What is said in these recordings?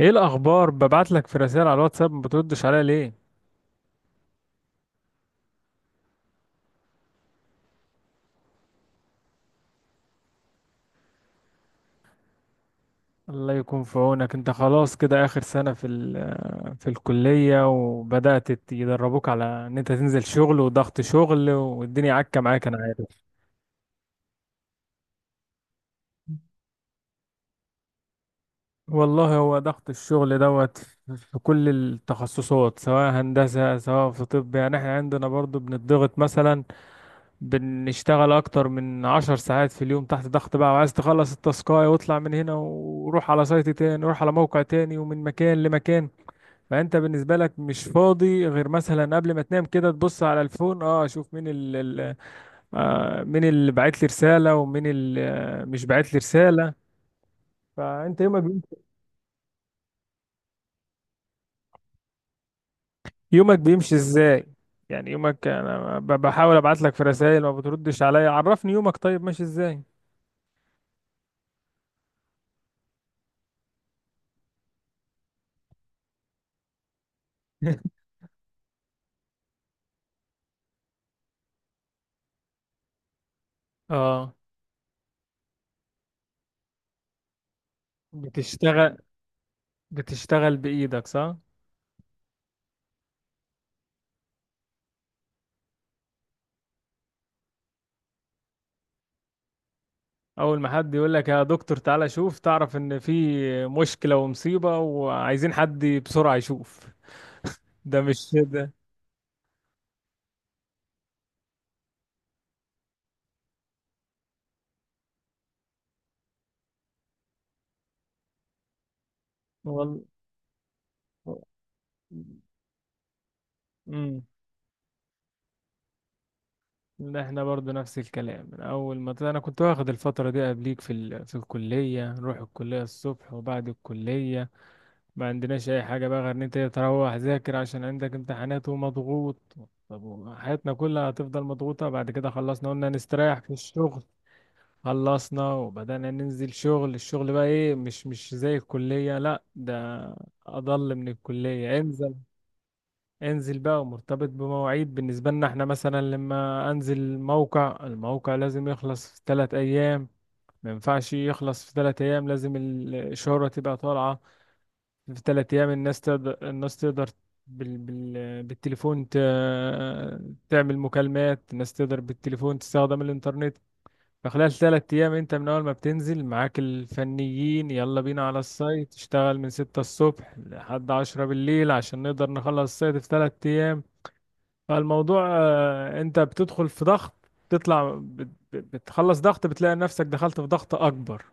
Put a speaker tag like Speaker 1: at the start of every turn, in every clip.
Speaker 1: ايه الاخبار؟ ببعت لك في رسائل على الواتساب، ما بتردش عليا ليه؟ الله يكون في عونك. انت خلاص كده اخر سنة في ال- آه، في الكلية، وبدأت يدربوك على ان انت تنزل شغل، وضغط شغل، والدنيا عكة معاك. انا عارف. والله هو ضغط الشغل دوت في كل التخصصات، سواء هندسة سواء في طب. يعني احنا عندنا برضو بنضغط مثلا، بنشتغل اكتر من 10 ساعات في اليوم تحت ضغط، بقى وعايز تخلص التاسكاية واطلع من هنا وروح على سايت تاني وروح على موقع تاني ومن مكان لمكان. فانت بالنسبة لك مش فاضي غير مثلا قبل ما تنام كده، تبص على الفون، اه اشوف مين مين اللي بعت لي رسالة، ومين اللي مش بعت لي رسالة. فانت يومك بيمشي، يومك بيمشي ازاي؟ يعني يومك، انا بحاول ابعت لك في رسائل، ما بتردش عليا. عرفني يومك طيب ماشي ازاي. اه، بتشتغل، بتشتغل بإيدك صح؟ أول ما حد يقول لك يا دكتور تعالى شوف، تعرف إن في مشكلة ومصيبة وعايزين حد بسرعة يشوف، ده مش ده. والله. امم. ده احنا برضو نفس الكلام من أول ما أنا كنت واخد الفترة دي قبليك، في الكلية، نروح الكلية الصبح، وبعد الكلية ما عندناش أي حاجة بقى غير إن أنت تروح ذاكر عشان عندك امتحانات ومضغوط. طب حياتنا كلها هتفضل مضغوطة؟ بعد كده خلصنا، قلنا نستريح في الشغل. خلصنا وبدأنا ننزل شغل، الشغل بقى ايه؟ مش زي الكلية، لا ده أضل من الكلية. انزل، انزل بقى ومرتبط بمواعيد. بالنسبة لنا احنا مثلا لما انزل موقع، الموقع لازم يخلص في 3 أيام، ما ينفعش يخلص في 3 أيام لازم الشهرة تبقى طالعة في 3 أيام. الناس تقدر، الناس تقدر بالتليفون تعمل مكالمات، الناس تقدر بالتليفون تستخدم الإنترنت. فخلال ثلاث أيام أنت من أول ما بتنزل معاك الفنيين، يلا بينا على السايت، تشتغل من 6 الصبح لحد 10 بالليل عشان نقدر نخلص السايت في 3 أيام. فالموضوع أنت بتدخل في ضغط، تطلع بتخلص ضغط، بتلاقي نفسك دخلت في ضغط أكبر.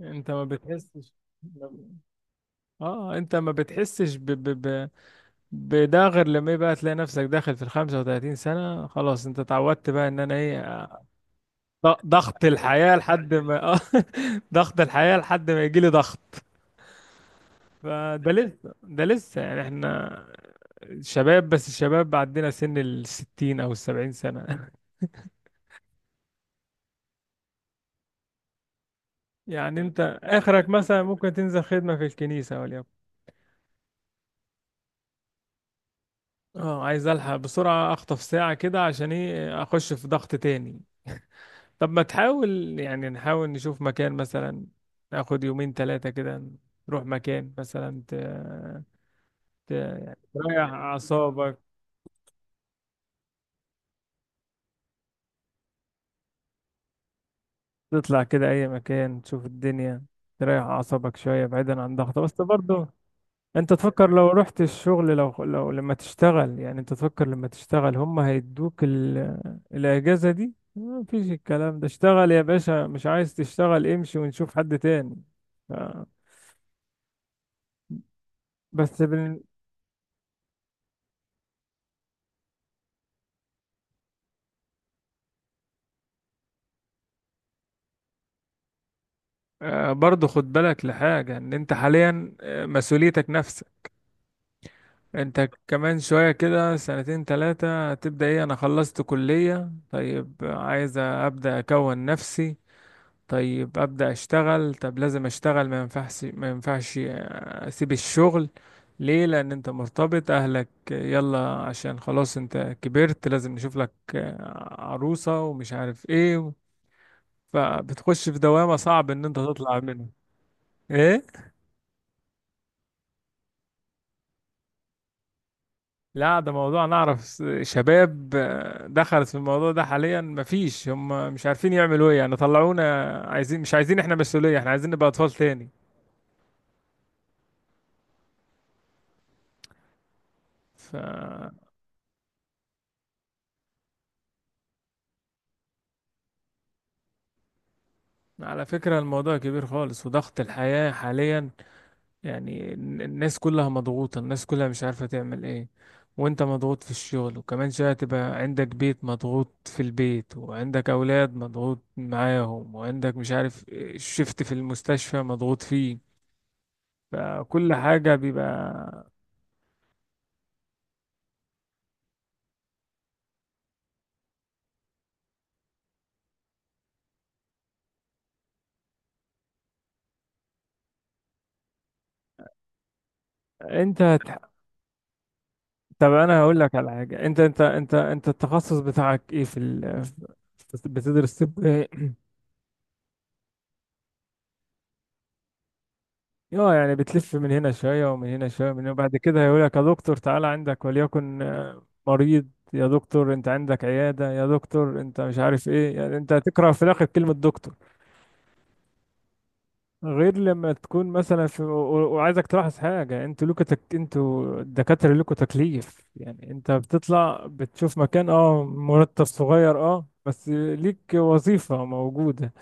Speaker 1: أنت ما بتحسش، اه انت ما بتحسش بده غير لما يبقى تلاقي نفسك داخل في ال 35 سنة، خلاص انت اتعودت بقى ان انا ايه، ضغط الحياة لحد ما ضغط الحياة لحد ما يجيلي ضغط. فده لسه يعني احنا شباب، بس الشباب عندنا سن الـ60 أو الـ70 سنة. يعني أنت آخرك مثلا ممكن تنزل خدمة في الكنيسة، وليكن. اه عايز ألحق بسرعة، أخطف ساعة كده عشان إيه؟ أخش في ضغط تاني. طب ما تحاول، يعني نحاول نشوف مكان مثلا، ناخد يومين تلاتة كده، نروح مكان مثلا يعني تريح أعصابك، تطلع كده اي مكان تشوف الدنيا، تريح اعصابك شويه بعيدا عن ضغط. بس برضو انت تفكر لو رحت الشغل، لو لما تشتغل، يعني انت تفكر لما تشتغل هم هيدوك الاجازه دي؟ مفيش الكلام ده. اشتغل يا باشا، مش عايز تشتغل امشي ونشوف حد تاني. ف... بس برضو خد بالك لحاجه، ان انت حاليا مسؤوليتك نفسك، انت كمان شوية كده سنتين تلاتة تبدأ ايه، انا خلصت كلية، طيب عايز ابدأ اكون نفسي، طيب ابدأ اشتغل، طب لازم اشتغل، ما ينفعش اسيب الشغل ليه؟ لان انت مرتبط، اهلك يلا عشان خلاص انت كبرت، لازم نشوف لك عروسة، ومش عارف ايه. فبتخش في دوامة صعب ان انت تطلع منها. ايه؟ لا ده موضوع، نعرف شباب دخلت في الموضوع ده حاليا، مفيش هم مش عارفين يعملوا ايه، يعني طلعونا عايزين مش عايزين احنا مسؤولية، احنا عايزين نبقى اطفال تاني. ف، على فكرة الموضوع كبير خالص، وضغط الحياة حاليا يعني الناس كلها مضغوطة، الناس كلها مش عارفة تعمل ايه، وانت مضغوط في الشغل، وكمان شوية تبقى عندك بيت مضغوط في البيت، وعندك اولاد مضغوط معاهم، وعندك مش عارف، شفت في المستشفى مضغوط فيه. فكل حاجة بيبقى، انت هت... طب انا هقول لك على حاجة، انت التخصص بتاعك ايه في بتدرس طب ايه؟ اه يعني بتلف من هنا شوية ومن هنا شوية من هنا، وبعد كده هيقول لك يا دكتور تعالى عندك وليكن مريض، يا دكتور انت عندك عيادة، يا دكتور انت مش عارف ايه. يعني انت هتكره في الاخر كلمة دكتور. غير لما تكون مثلا وعايزك تلاحظ حاجة، انتوا انتوا الدكاترة لكم تكليف، يعني انت بتطلع بتشوف مكان، اه مرتب صغير، اه بس ليك وظيفة موجودة.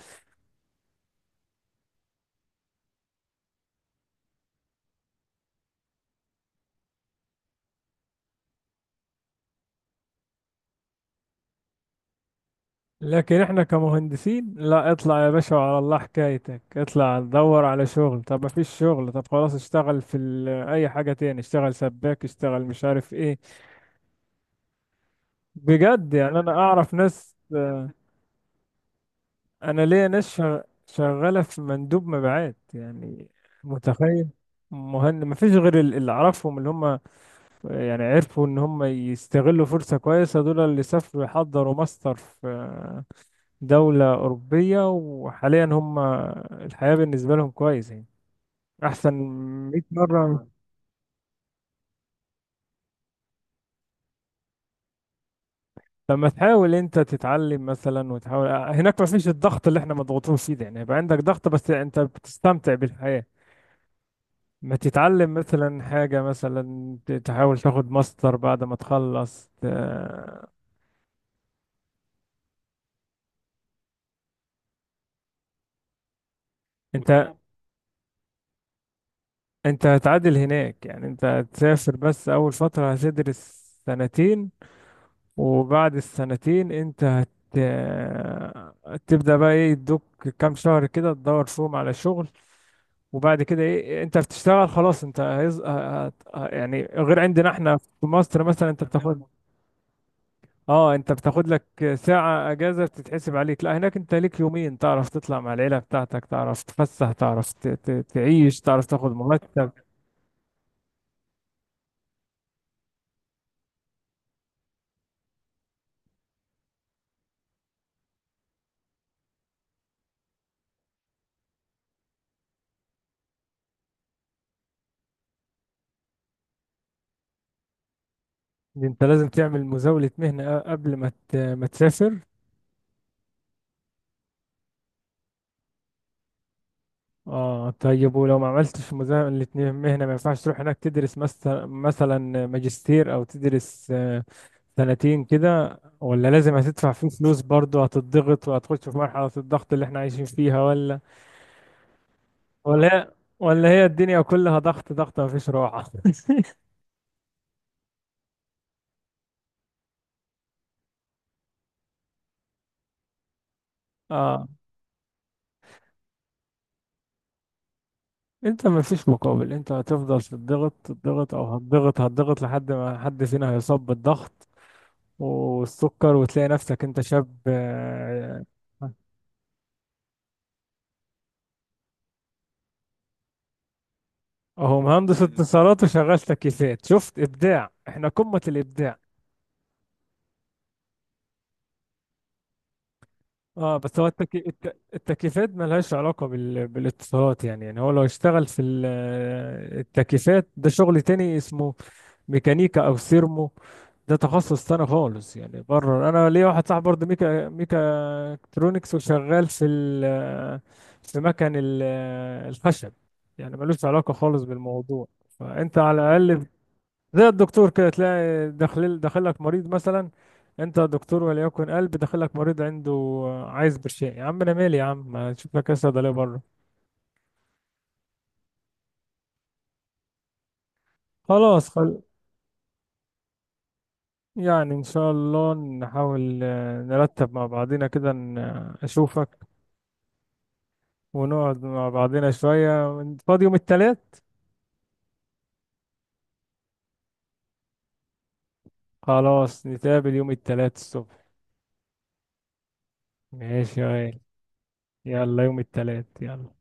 Speaker 1: لكن احنا كمهندسين، لا، اطلع يا باشا وعلى الله حكايتك، اطلع دور على شغل، طب ما فيش شغل، طب خلاص اشتغل في اي حاجة تاني، اشتغل سباك، اشتغل مش عارف ايه. بجد، يعني انا اعرف ناس انا ليا ناس شغاله في مندوب مبيعات يعني، متخيل؟ مهند ما فيش غير اللي اعرفهم اللي هم يعني عرفوا ان هم يستغلوا فرصه كويسه، دول اللي سافروا يحضروا ماستر في دوله اوروبيه، وحاليا هم الحياه بالنسبه لهم كويس يعني، احسن 100 مره. لما تحاول انت تتعلم مثلا وتحاول هناك، ما فيش الضغط اللي احنا مضغوطين فيه ده، يعني هيبقى عندك ضغط بس انت بتستمتع بالحياه. ما تتعلم مثلا حاجة، مثلا تحاول تاخد ماستر بعد ما تخلص انت انت هتعادل هناك، يعني انت هتسافر، بس اول فترة هتدرس سنتين، وبعد السنتين تبدأ بقى ايه، يدوك كام شهر كده تدور فيهم على شغل، وبعد كده ايه انت بتشتغل خلاص. انت يعني غير عندنا احنا في مصر مثلا، انت بتاخد، اه انت بتاخد لك ساعة اجازة بتتحسب عليك. لا هناك انت ليك يومين، تعرف تطلع مع العيلة بتاعتك، تعرف تفسح، تعرف تعيش، تعرف تاخد مرتب. انت لازم تعمل مزاولة مهنة قبل ما ما تسافر. اه طيب ولو ما عملتش مزاولة مهنة ما ينفعش تروح هناك تدرس مثلا، مثلا ماجستير، او تدرس سنتين كده؟ ولا لازم هتدفع فيه فلوس برضه، هتضغط وهتخش في مرحلة الضغط اللي احنا عايشين فيها، ولا ولا هي، ولا هي الدنيا كلها ضغط ضغط مفيش راحة؟ اه، انت مفيش مقابل، انت هتفضل تضغط او هتضغط لحد ما حد فينا هيصاب بالضغط والسكر، وتلاقي نفسك انت شاب. اهو مهندس اتصالات وشغال تكييفات، شفت ابداع، احنا قمة الابداع. اه بس هو التكييفات ملهاش علاقة بالاتصالات، يعني يعني هو لو اشتغل في التكييفات ده شغل تاني اسمه ميكانيكا او سيرمو، ده تخصص تاني خالص. يعني بره انا ليا واحد صاحبي برضه ميكا الكترونكس، وشغال في ال في مكن الخشب، يعني ملوش علاقة خالص بالموضوع. فانت على الاقل زي الدكتور كده، تلاقي داخل داخلك مريض مثلا، انت دكتور وليكن قلب، داخلك مريض عنده عايز برشام، يا عم انا مالي، يا عم ما تشوف لك ايه صيدليه بره. خلاص خل... يعني ان شاء الله نحاول نرتب مع بعضنا كده اشوفك، ونقعد مع بعضنا شوية. وانت فاضي يوم التلات؟ خلاص نتقابل يوم التلات الصبح. ماشي يا غالي، يلا يوم التلات، يلا.